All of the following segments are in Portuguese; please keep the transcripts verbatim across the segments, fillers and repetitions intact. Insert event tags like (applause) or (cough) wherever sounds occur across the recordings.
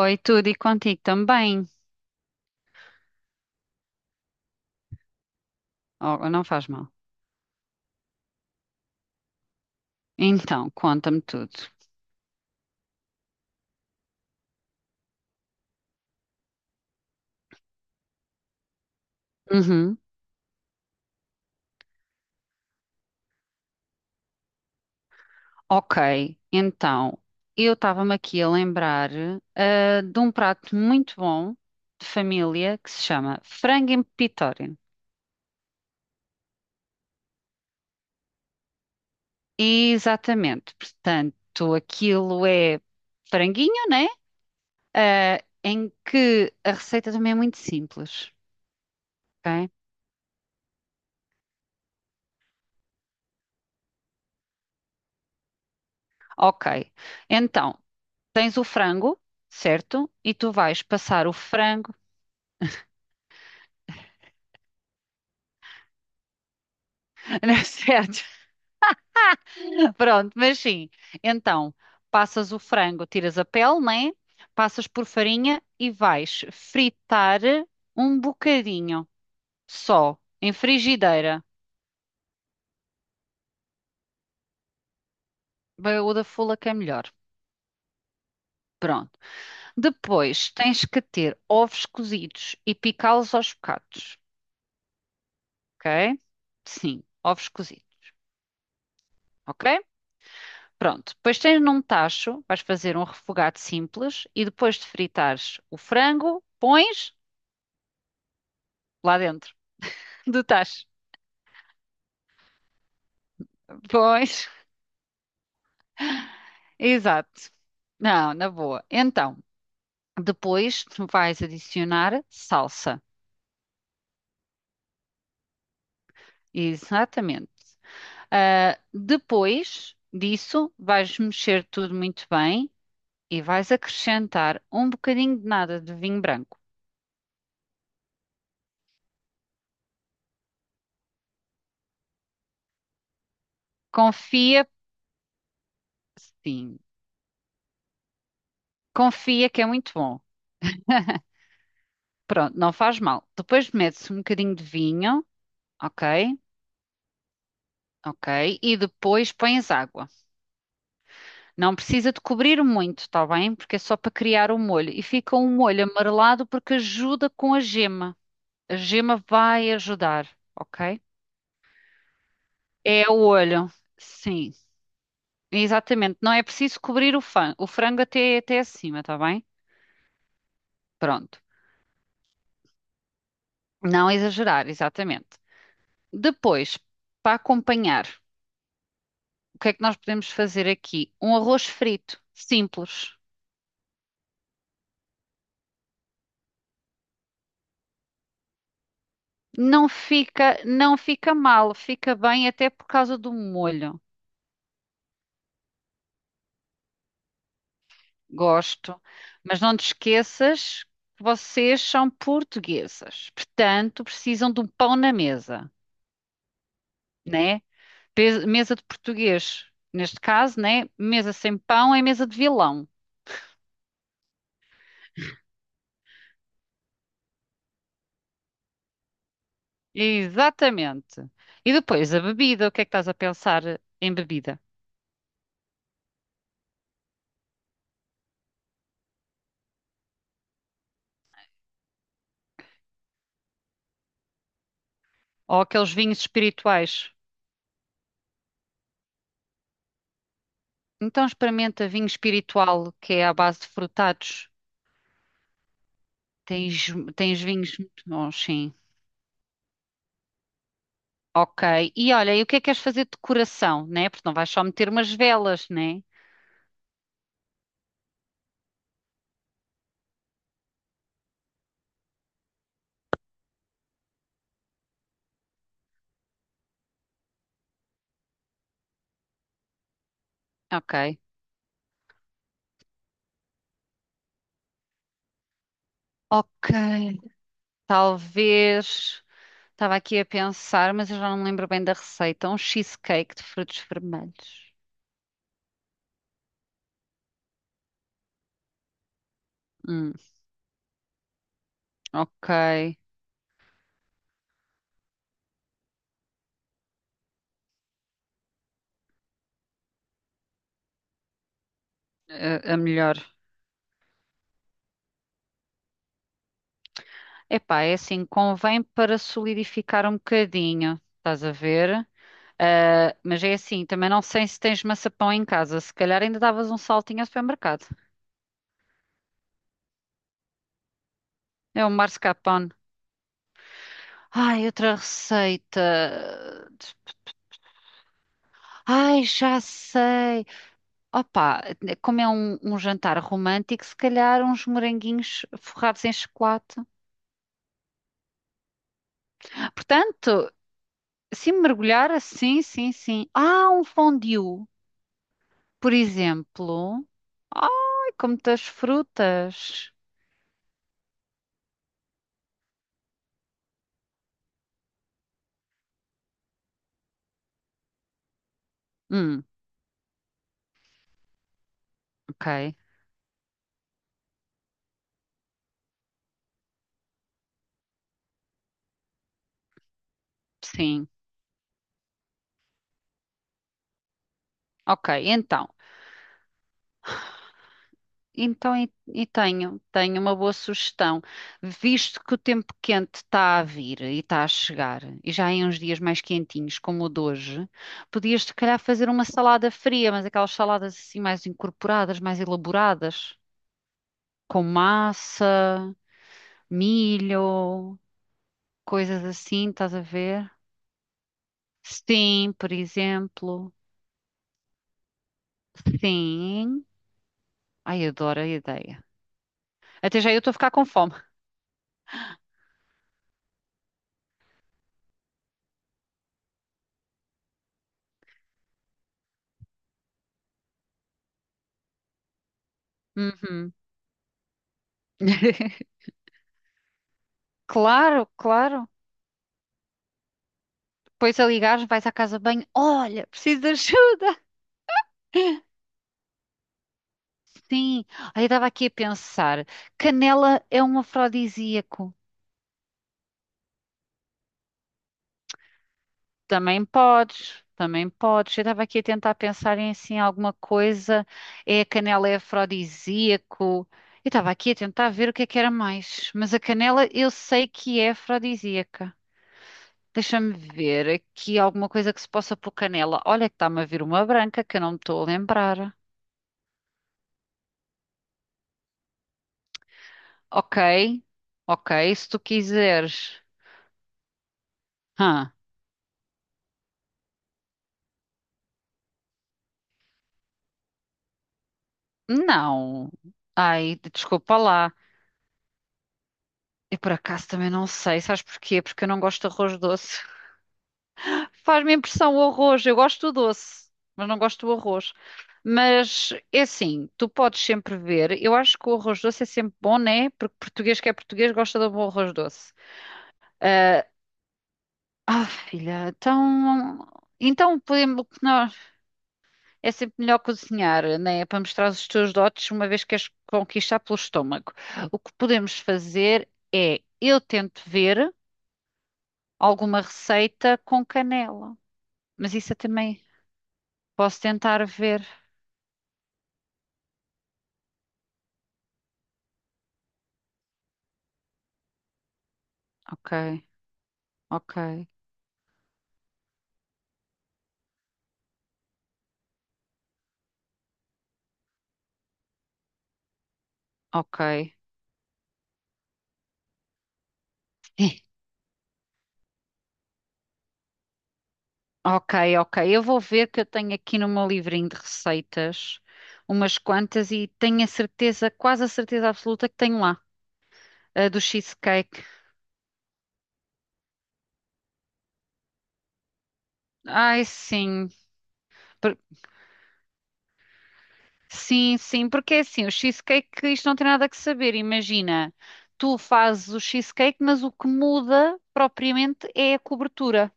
Oi, tudo e contigo também. Oh, não faz mal. Então, conta-me tudo. Uhum. Ok, então, eu estava-me aqui a lembrar, ah, de um prato muito bom de família que se chama frango em pepitóreo. Exatamente, portanto, aquilo é franguinho, né? Ah, em que a receita também é muito simples, ok? Ok, então, tens o frango, certo? E tu vais passar o frango. (laughs) Certo. Pronto, mas sim. Então, passas o frango, tiras a pele, né? Passas por farinha e vais fritar um bocadinho só, em frigideira. Bem, o da fula que é melhor. Pronto. Depois tens que ter ovos cozidos e picá-los aos bocados, ok? Sim, ovos cozidos, ok? Pronto. Depois tens num tacho, vais fazer um refogado simples e depois de fritares o frango, pões lá dentro. Do tacho. Pois, (laughs) exato. Não, na boa. Então, depois vais adicionar salsa. Exatamente. Ah, depois disso, vais mexer tudo muito bem e vais acrescentar um bocadinho de nada de vinho branco. Confia, sim, confia que é muito bom. Pronto, não faz mal. Depois metes um bocadinho de vinho, ok? Ok. E depois pões água. Não precisa de cobrir muito, está bem? Porque é só para criar o molho. E fica um molho amarelado porque ajuda com a gema. A gema vai ajudar, ok? É o olho, sim, exatamente. Não é preciso cobrir o, fan- o frango até, até acima, está bem? Pronto. Não exagerar, exatamente. Depois, para acompanhar, o que é que nós podemos fazer aqui? Um arroz frito, simples. Não fica, não fica mal, fica bem até por causa do molho. Gosto, mas não te esqueças que vocês são portuguesas, portanto precisam de um pão na mesa, né? Pe- Mesa de português, neste caso, né? Mesa sem pão é mesa de vilão. Exatamente. E depois a bebida, o que é que estás a pensar em bebida? Ou aqueles vinhos espirituais? Então experimenta vinho espiritual, que é à base de frutados. Tens, tens vinhos muito bons, sim. Ok. E olha, e o que é que queres fazer de decoração, né? Porque não vais só meter umas velas, né? Ok. Ok. Talvez. Estava aqui a pensar, mas eu já não me lembro bem da receita. Um cheesecake de frutos vermelhos. Hum, ok. A, a melhor. Epá, é assim, convém para solidificar um bocadinho, estás a ver? Ah, mas é assim, também não sei se tens maçapão em casa. Se calhar ainda davas um saltinho ao supermercado. É o mascarpone. Ai, outra receita. Ai, já sei. Opa, como é um, um jantar romântico, se calhar uns moranguinhos forrados em chocolate. Portanto, se mergulhar assim, sim, sim. Ah, um fondue, por exemplo. Ai, com muitas frutas. Hum, ok. Sim. Ok, então. Então, e, e tenho, tenho uma boa sugestão. Visto que o tempo quente está a vir e está a chegar, e já em uns dias mais quentinhos, como o de hoje, podias, se calhar, fazer uma salada fria, mas aquelas saladas assim mais incorporadas, mais elaboradas, com massa, milho, coisas assim, estás a ver? Sim, por exemplo. Sim. Ai, adoro a ideia. Até já eu estou a ficar com fome. Uhum. (laughs) Claro, claro. Depois a ligares, vais à casa de banho. Olha, preciso de ajuda. Sim. Aí eu estava aqui a pensar. Canela é um afrodisíaco. Também podes. Também podes. Eu estava aqui a tentar pensar em assim alguma coisa. É, a canela é afrodisíaco. Eu estava aqui a tentar ver o que é que era mais. Mas a canela eu sei que é afrodisíaca. Deixa-me ver aqui alguma coisa que se possa pôr canela. Olha que está-me a vir uma branca que eu não me estou a lembrar. Ok, ok, se tu quiseres. Hã? Não. Ai, desculpa lá. Eu por acaso também não sei, sabes porquê? Porque eu não gosto de arroz doce. (laughs) Faz-me impressão o arroz, eu gosto do doce, mas não gosto do arroz. Mas é assim, tu podes sempre ver, eu acho que o arroz doce é sempre bom, né? Porque português que é português gosta de um bom arroz doce. Ah, ah, filha, então. Então podemos. É sempre melhor cozinhar, né? É para mostrar os teus dotes, uma vez que as conquistar pelo estômago. O que podemos fazer é eu tento ver alguma receita com canela. Mas isso eu também posso tentar ver. Ok, ok, ok. (laughs) Ok, ok. Eu vou ver que eu tenho aqui no meu livrinho de receitas umas quantas e tenho a certeza, quase a certeza absoluta que tenho lá, a do cheesecake. Ai, sim. Sim, sim, porque é assim, o cheesecake, isto não tem nada que saber, imagina. Tu fazes o cheesecake, mas o que muda propriamente é a cobertura.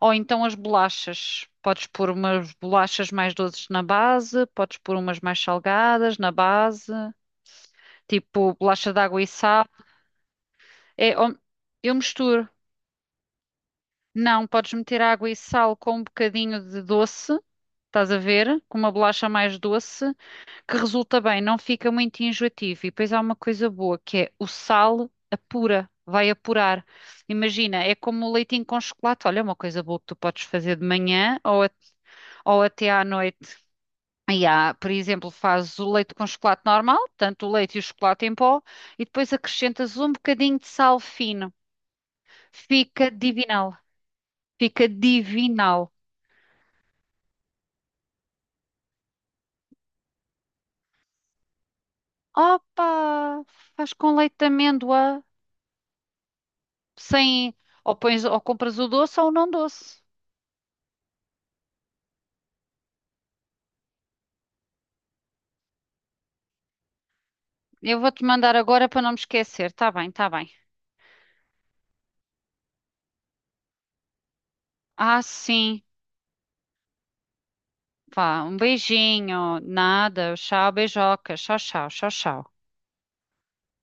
Ou então as bolachas. Podes pôr umas bolachas mais doces na base, podes pôr umas mais salgadas na base, tipo bolacha de água e sal. É, ou- eu misturo. Não, podes meter água e sal com um bocadinho de doce, estás a ver? Com uma bolacha mais doce, que resulta bem, não fica muito enjoativo. E depois há uma coisa boa que é o sal apura, vai apurar. Imagina, é como o leitinho com chocolate. Olha, é uma coisa boa que tu podes fazer de manhã ou, a- ou até à noite. E há, por exemplo, fazes o leite com chocolate normal, tanto o leite e o chocolate em pó, e depois acrescentas um bocadinho de sal fino. Fica divinal. Fica divinal. Opa! Faz com leite de amêndoa, sem. Ou pões, ou compras o doce ou o não doce. Eu vou-te mandar agora para não me esquecer. Tá bem, tá bem. Ah, sim. Vá, um beijinho. Nada. Tchau, beijoca. Tchau, tchau, tchau, tchau.